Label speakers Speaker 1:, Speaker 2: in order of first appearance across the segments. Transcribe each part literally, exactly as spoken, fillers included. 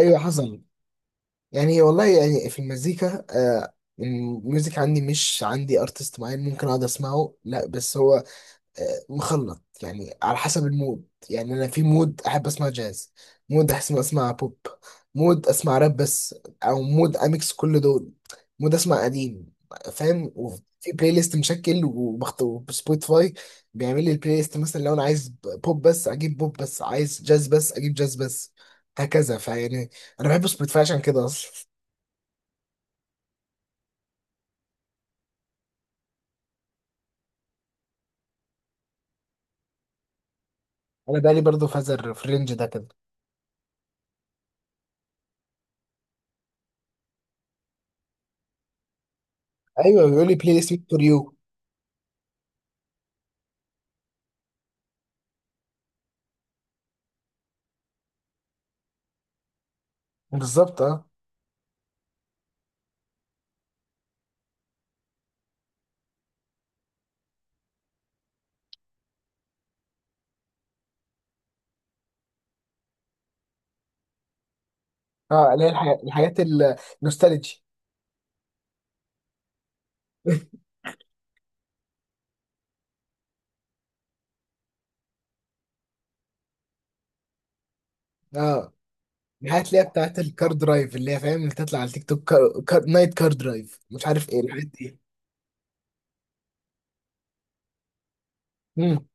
Speaker 1: ايوه، حصل. يعني والله يعني في المزيكا. آه الميوزك عندي مش عندي ارتست معين ممكن اقعد اسمعه. لا، بس هو مخلط، يعني على حسب المود. يعني انا في مود احب اسمع جاز، مود احب اسمع بوب، مود اسمع راب بس، او مود اميكس كل دول، مود اسمع قديم، فاهم. وفي بلاي ليست، مشكل، وبخطو سبوتيفاي بيعمل لي البلاي ليست. مثلا لو انا عايز بوب بس اجيب بوب بس، عايز جاز بس اجيب جاز بس، هكذا. فيعني انا بحب سبوتيفاي عشان كده اصلا. انا بقالي برضه فازر في الرينج ده كده. ايوه، بيقول لي بلاي ليست فور يو. بالظبط اه. اه، اللي هي الحاجات، الحاجات النوستالجي. اه، الحاجات اللي هي بتاعت الكار درايف، اللي هي، فاهم، اللي تطلع على التيك توك. كار... كار... نايت كار درايف، مش عارف ايه الحاجات دي. مم.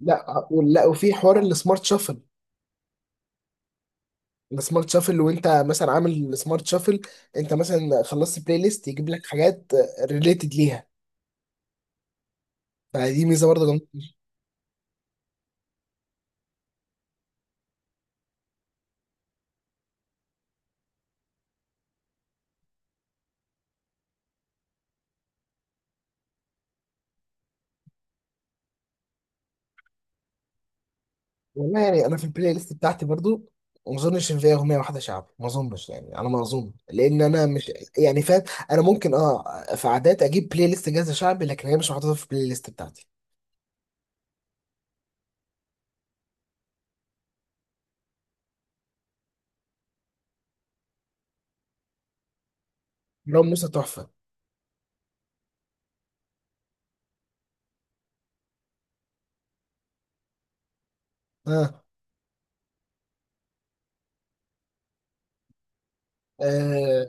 Speaker 1: لا ولا. وفي حوار السمارت شافل. السمارت شافل، وانت مثلا عامل سمارت شافل، انت مثلا خلصت بلاي ليست يجيب لك حاجات ريليتد ليها. فدي ميزه برضه. والله يعني انا في البلاي ليست بتاعتي برضو ما اظنش ان فيها اغنيه واحده شعبي، ما اظنش، يعني على ما اظن، لان انا مش، يعني، فاهم. انا ممكن اه في عادات اجيب بلاي ليست جاهزه شعبي، لكن هي مش محطوطه في البلاي ليست بتاعتي. لو موسى تحفه. اه آه،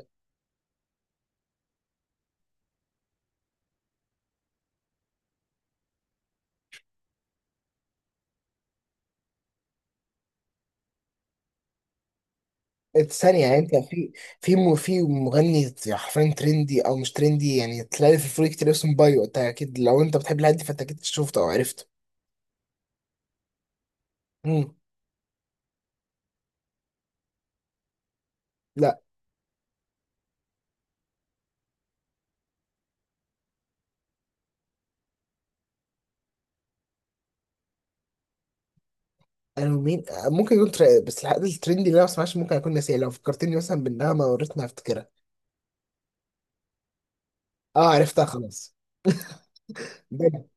Speaker 1: الثانية يعني. انت في، في م- في مغني حرفيا ترندي او مش ترندي، يعني تلاقي في الفريق كتير اسمه بايو، انت اكيد لو انت بتحب الهادي فانت اكيد شفته او عرفته. مم. لا. انا مين؟ ممكن يكون تر... بس الحاجات الترندي اللي انا ما بسمعهاش ممكن اكون ناسيها، لو فكرتني مثلا بالنغمه وريتني هفتكرها. اه، عرفتها خلاص. ده-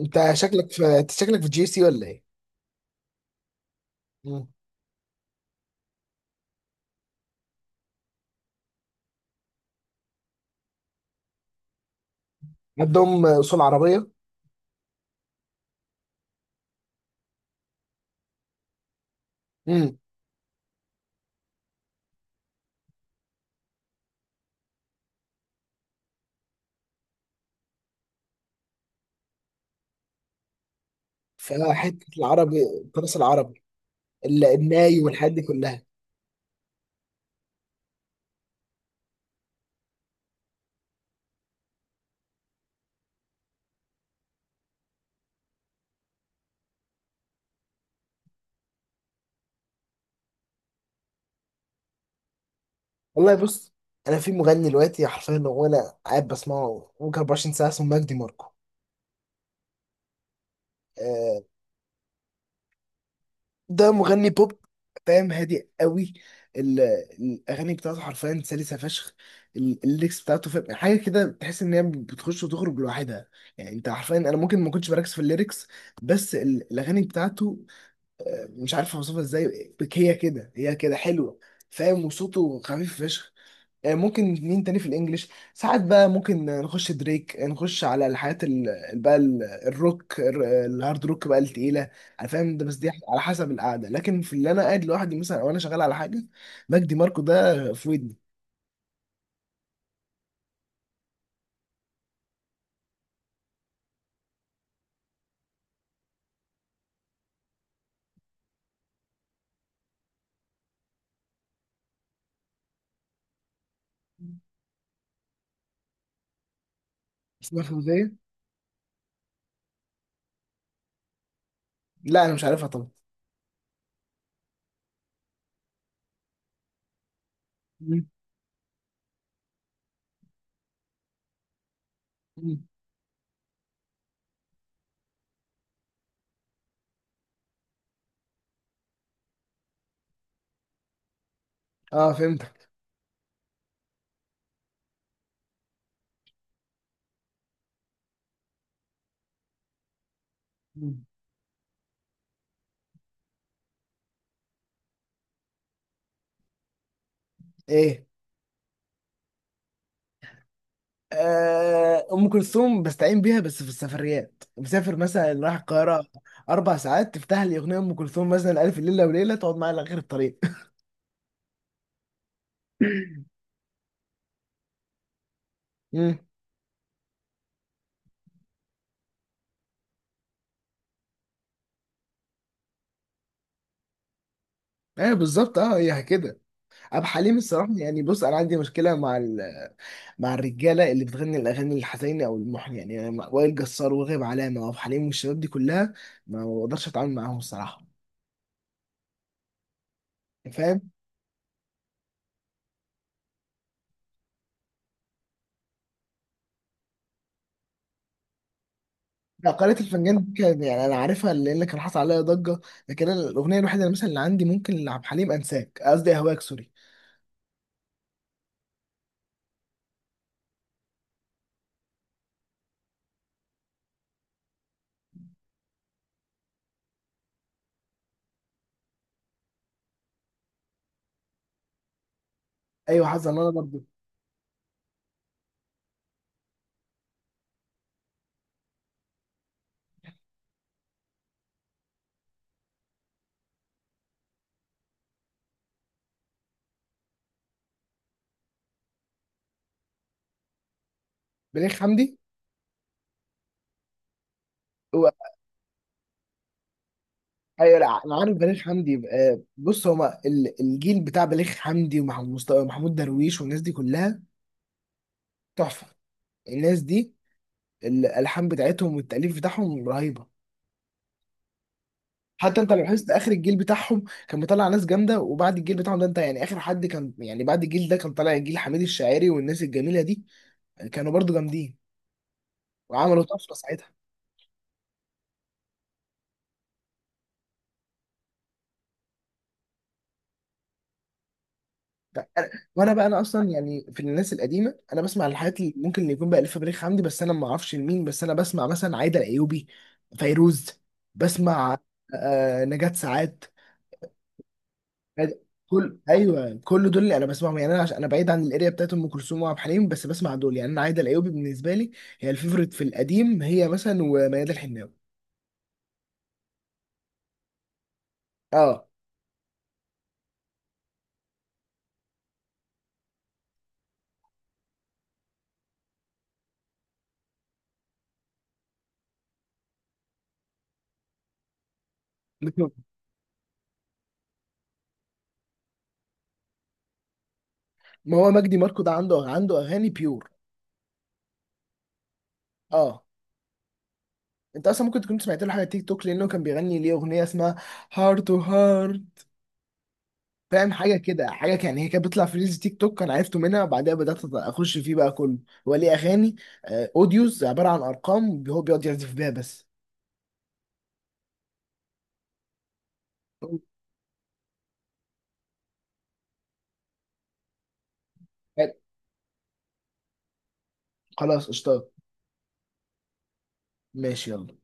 Speaker 1: انت شكلك في انت شكلك في جي سي ولا ايه؟ مم. عندهم اصول عربيه. امم فحته العربي، التراث العربي، ال- الناي والحاجات دي كلها. والله بص، انا في مغني دلوقتي حرفيا وانا قاعد بسمعه، ممكن أربعة وعشرين ساعة ساعه، اسمه مجدي ماركو. آه، ده مغني بوب، فاهم، هادي قوي. ال- الاغاني بتاعته حرفيا سلسه فشخ. ال- الليكس بتاعته، فاهم، حاجه كده، بتحس ان هي بتخش وتخرج لوحدها. يعني انت حرفيا، انا ممكن ما كنتش بركز في الليركس، بس ال- الاغاني بتاعته مش عارف اوصفها ازاي. هي كده هي كده حلوه، فاهم. وصوته خفيف فشخ. آه، ممكن مين تاني في الانجليش. ساعات بقى ممكن نخش دريك، نخش على الحاجات ال- ال- بقى، ال- الروك، ال- الهارد روك بقى، التقيله. انا فاهم ده، بس دي على حسب القعده. لكن في اللي انا قاعد لوحدي مثلا، او انا شغال على حاجه، مجدي ماركو ده في ودني. اسمها فوزيه؟ لا، انا مش عارفها طبعا. مم. مم. اه، فهمتك. مم. ايه؟ آه، ام كلثوم بستعين بيها بس في السفريات. مسافر مثلا رايح القاهره، اربع ساعات، تفتح لي اغنيه ام كلثوم مثلا الف ليله وليله، تقعد معايا لغير الطريق. امم، ايوه بالظبط، اه، هي كده. ابو حليم الصراحه يعني، بص انا عندي مشكله مع ال... مع الرجاله اللي بتغني الاغاني الحزينه او المحن، يعني أنا مع- وائل جسار وغيب علامه وابو حليم والشباب دي كلها ما بقدرش اتعامل معاهم الصراحه، فاهم. لا، قارئة الفنجان دي كان، يعني انا عارفها لان كان حصل عليها ضجه. لكن أنا الاغنيه الوحيده اللي مثلا اللي عندي ممكن لعبد الحليم انساك، قصدي اهواك، سوري. ايوه حظا انا برضه بليغ حمدي. ايوه، لا انا عارف بليغ حمدي. آه، بص هما ال- الجيل بتاع بليغ حمدي، ومحمود مست- محمود درويش، والناس دي كلها تحفه. الناس دي الالحان بتاعتهم والتاليف بتاعهم رهيبه. حتى انت لو لاحظت، اخر الجيل بتاعهم كان مطلع ناس جامده، وبعد الجيل بتاعهم ده انت يعني، اخر حد كان، يعني بعد الجيل ده كان طالع الجيل حميد الشاعري، والناس الجميله دي كانوا برضو جامدين وعملوا طفره ساعتها. ده أنا، وانا بقى انا اصلا يعني، في الناس القديمه انا بسمع الحاجات اللي ممكن يكون بقى الف بريخ عندي بس انا ما اعرفش لمين، بس انا بسمع مثلا عايده الايوبي، فيروز، بسمع آه نجاة ساعات. كل ايوه، كل دول اللي انا بسمعهم، يعني انا عشان انا بعيد عن الاريا بتاعت ام كلثوم وعبد الحليم بس بسمع دول، يعني انا عايده الايوبي بالنسبه لي هي الفيفوريت في القديم، هي مثلا وميادة الحناوي. اه، ما هو مجدي ماركو ده عنده عنده اغاني بيور. اه، انت اصلا ممكن تكون سمعت له حاجه تيك توك، لانه كان بيغني ليه اغنيه اسمها هارت تو هارت، فاهم. حاجه كده، حاجه كان هي كانت بتطلع في ريلز تيك توك، انا عرفته منها، بعدها بدات اخش فيه بقى كله. هو ليه اغاني. آه، اوديوز عباره عن ارقام، هو بيقعد يعزف بيها بس. خلاص قشطه. ماشي يلا.